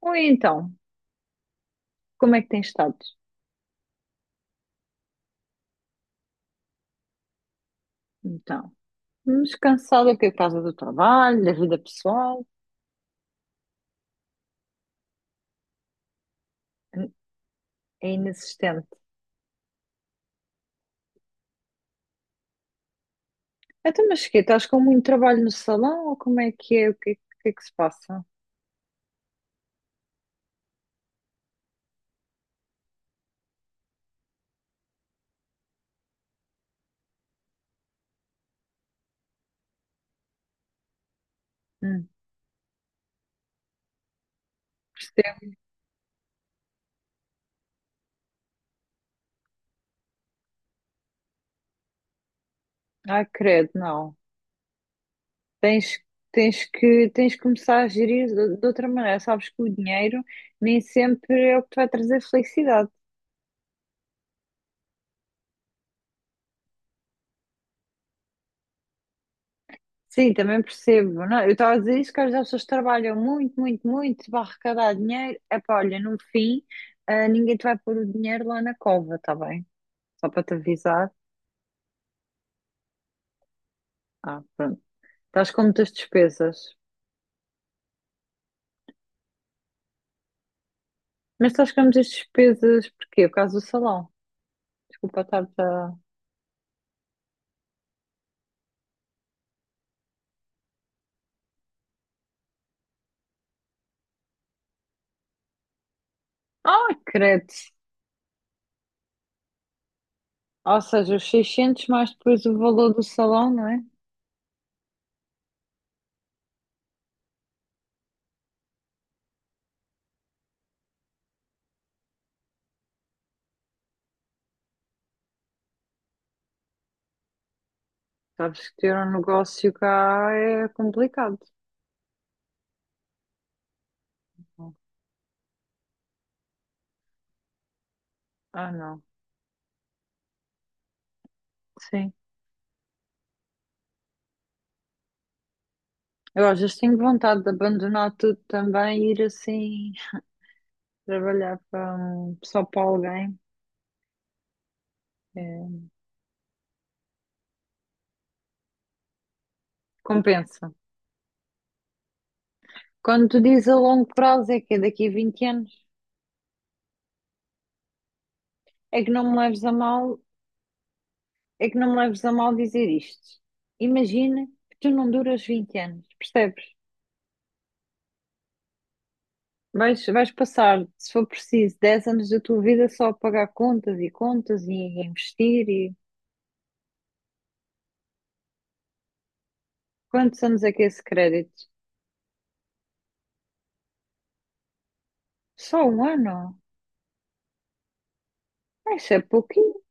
Oi, então, como é que tens estado? Então, mas cansada aqui por causa do trabalho, da vida pessoal, é inexistente. Então, mas que estás com muito trabalho no salão ou como é que é? O que é que se passa? Hum, percebo. Ai, credo, não. Tens, tens que começar a gerir de outra maneira. Sabes que o dinheiro nem sempre é o que te vai trazer felicidade. Sim, também percebo. Não, é? Eu estava a dizer isso que às vezes as pessoas trabalham muito, muito, muito para arrecadar dinheiro. É pá, olha, no fim, ah, ninguém te vai pôr o dinheiro lá na cova, está bem? Só para te avisar. Ah, pronto. Estás com muitas despesas. Mas estás com muitas despesas porquê? Por causa do salão. Desculpa estar-te a... Ah, credo. Ou seja, os 600 mais depois o valor do salão, não é? Sabes que ter um negócio cá é complicado. Ah, não. Sim. Eu às vezes tenho vontade de abandonar tudo também e ir assim trabalhar para só para alguém. É, compensa. Quando tu dizes a longo prazo é que é daqui a 20 anos, é que não me leves a mal, é que não me leves a mal dizer isto. Imagina que tu não duras 20 anos, percebes? Vais passar, se for preciso, 10 anos da tua vida só a pagar contas e contas e a investir e quantos anos é que é esse crédito? Só um ano? Isso é pouco.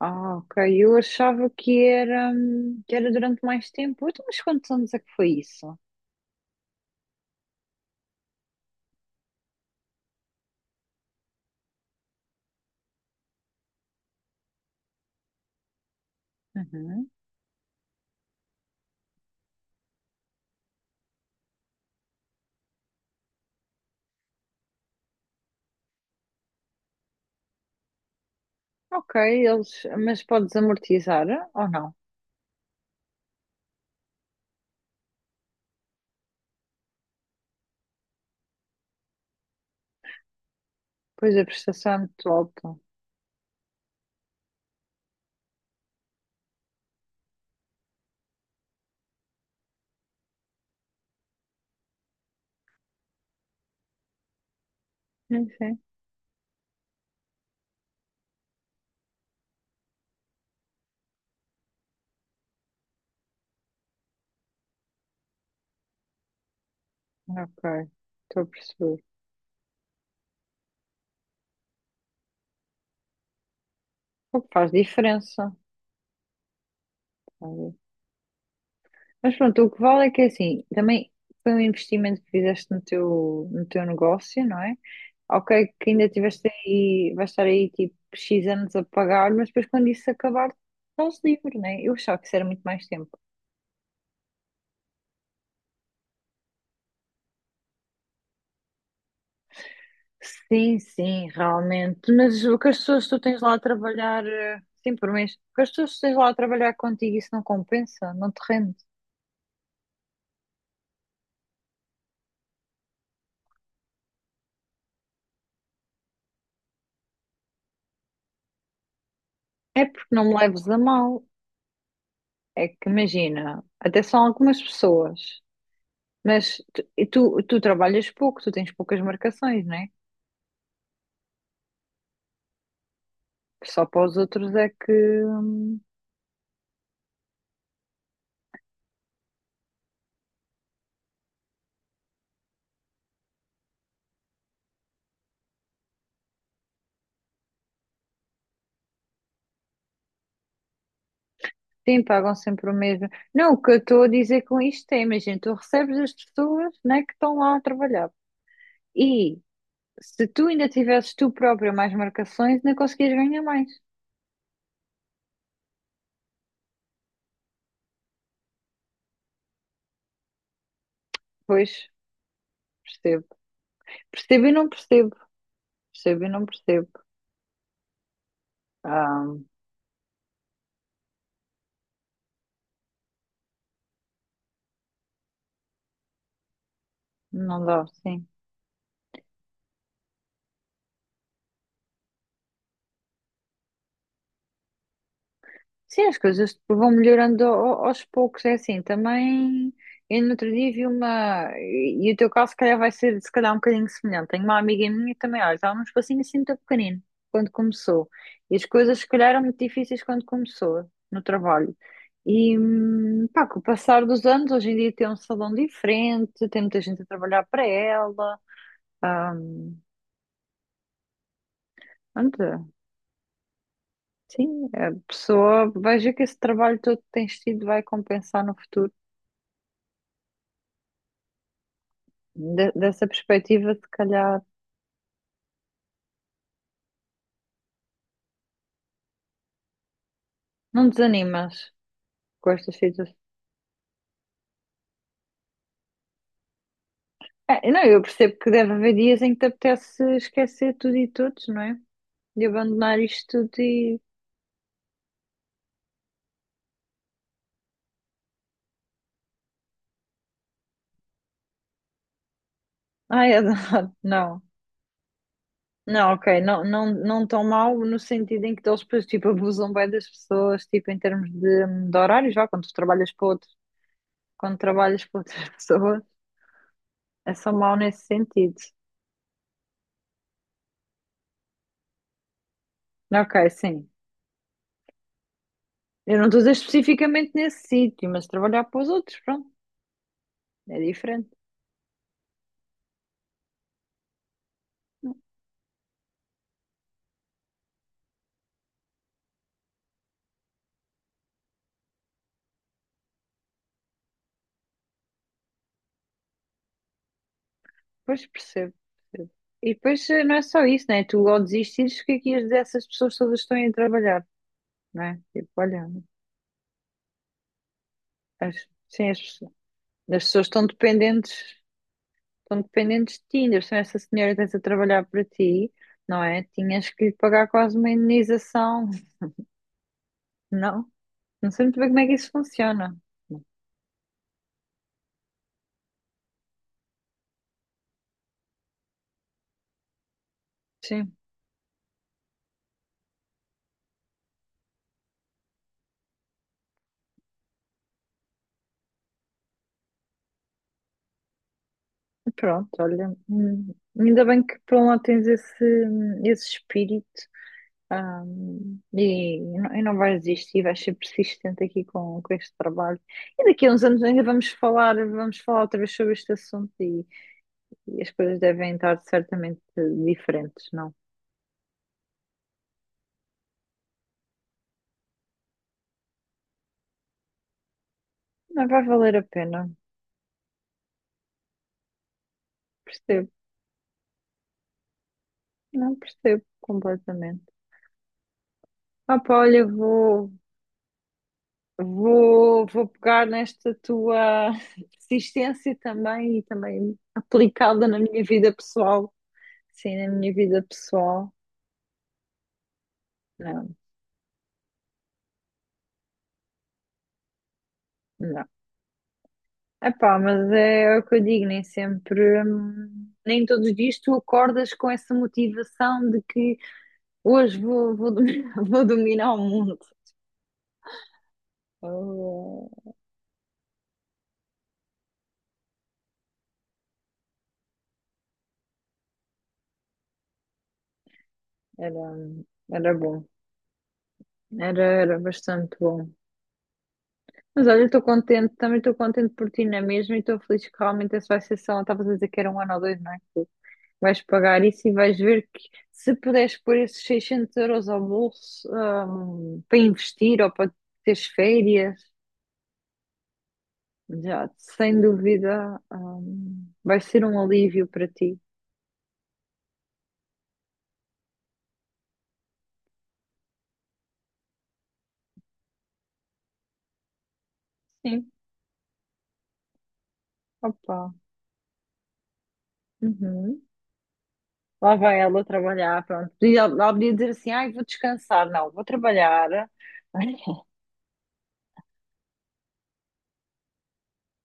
Ah, ok. Eu achava que era durante mais tempo. Então, mas quantos anos é que foi isso? Uhum. Ok, mas podes amortizar ou não? Pois a prestação é muito alta. Sim, sim. Ok, estou a perceber. O que faz diferença. Mas pronto, o que vale é que é assim, também foi um investimento que fizeste no teu negócio, não é? Ok, que ainda tiveste aí, vais estar aí tipo X anos a pagar, mas depois quando isso acabar, estás livre, não é? Eu achava que isso era muito mais tempo. Sim, sim, realmente. Mas o que as pessoas que tu tens lá a trabalhar, sim, por mês, o que as pessoas que tu tens lá a trabalhar contigo, isso não compensa, não te rende. É porque não me leves a mal. É que imagina, até são algumas pessoas. Mas tu trabalhas pouco, tu tens poucas marcações, não é? Só para os outros é que hum, sim, pagam sempre o mesmo. Não, o que eu estou a dizer com isto é, imagina, tu recebes as pessoas, né, que estão lá a trabalhar. E se tu ainda tivesses tu própria mais marcações, não conseguias ganhar mais. Pois, percebo. Percebo e não percebo. Percebo e não percebo. Ah, não dá, sim. Sim, as coisas vão melhorando aos poucos, é assim, também eu no outro dia vi uma, e o teu caso se calhar vai ser se calhar um bocadinho semelhante, tenho uma amiga minha que também, olha, estava num espacinho assim muito pequenino, quando começou, e as coisas se calhar eram muito difíceis quando começou, no trabalho, e pá, com o passar dos anos, hoje em dia tem um salão diferente, tem muita gente a trabalhar para ela, ah, anda, sim, a pessoa vai ver que esse trabalho todo que tens tido vai compensar no futuro dessa perspectiva, se calhar, não desanimas com estas situações. É, não, eu percebo que deve haver dias em que te apetece esquecer tudo e todos, não é? De abandonar isto tudo e. Ai, adoro. Não. Não, ok, não, não, não tão mal no sentido em que eles depois, tipo, abusam bem das pessoas, tipo, em termos de horários, vá, quando tu trabalhas para outros, quando trabalhas para outras pessoas, é só mal nesse sentido. Ok, sim. Eu não estou a dizer especificamente nesse sítio, mas trabalhar para os outros, pronto, é diferente. Pois percebo. Percebo. E depois não é só isso, né? Tu ao desistires, o que é que ias dizer a essas pessoas todas que estão aí a trabalhar, não é? Tipo, olha, as, sim, as pessoas estão dependentes de ti, ainda se essa senhora estás a trabalhar para ti, não é? Tinhas que lhe pagar quase uma indenização, não? Não sei muito bem como é que isso funciona. Sim, pronto, olha, ainda bem que por um lado tens esse, esse espírito. E não, eu não vais desistir, vais ser persistente aqui com este trabalho. E daqui a uns anos ainda vamos falar outra vez sobre este assunto e as coisas devem estar certamente diferentes, não? Não vai valer a pena, percebo, não percebo completamente. Ah, pá, olha, vou pegar nesta tua persistência também e também aplicá-la na minha vida pessoal. Sim, na minha vida pessoal. Não, não. Epá, mas é o que eu digo, nem sempre, nem todos os dias tu acordas com essa motivação de que hoje vou dominar o mundo. Oh, era, era bom, era bastante bom. Mas olha, eu estou contente, também estou contente por ti na mesma e estou feliz que realmente essa vai ser só, estavas a dizer que era um ano ou dois, não é? Que vais pagar isso e vais ver que se puderes pôr esses 600 euros ao bolso, para investir ou para teres férias. Já, sem dúvida, vai ser um alívio para ti. Sim, opa. Uhum. Lá vai ela trabalhar, pronto. Ela podia dizer assim, ai, vou descansar. Não, vou trabalhar.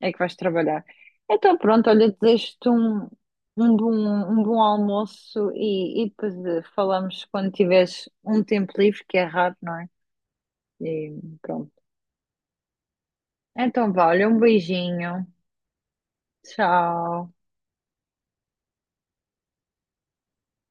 É que vais trabalhar. Então, pronto, olha, desejo-te um bom, um bom almoço e depois falamos quando tiveres um tempo livre, que é raro, não é? E pronto. Então, vá, olha, um beijinho. Tchau.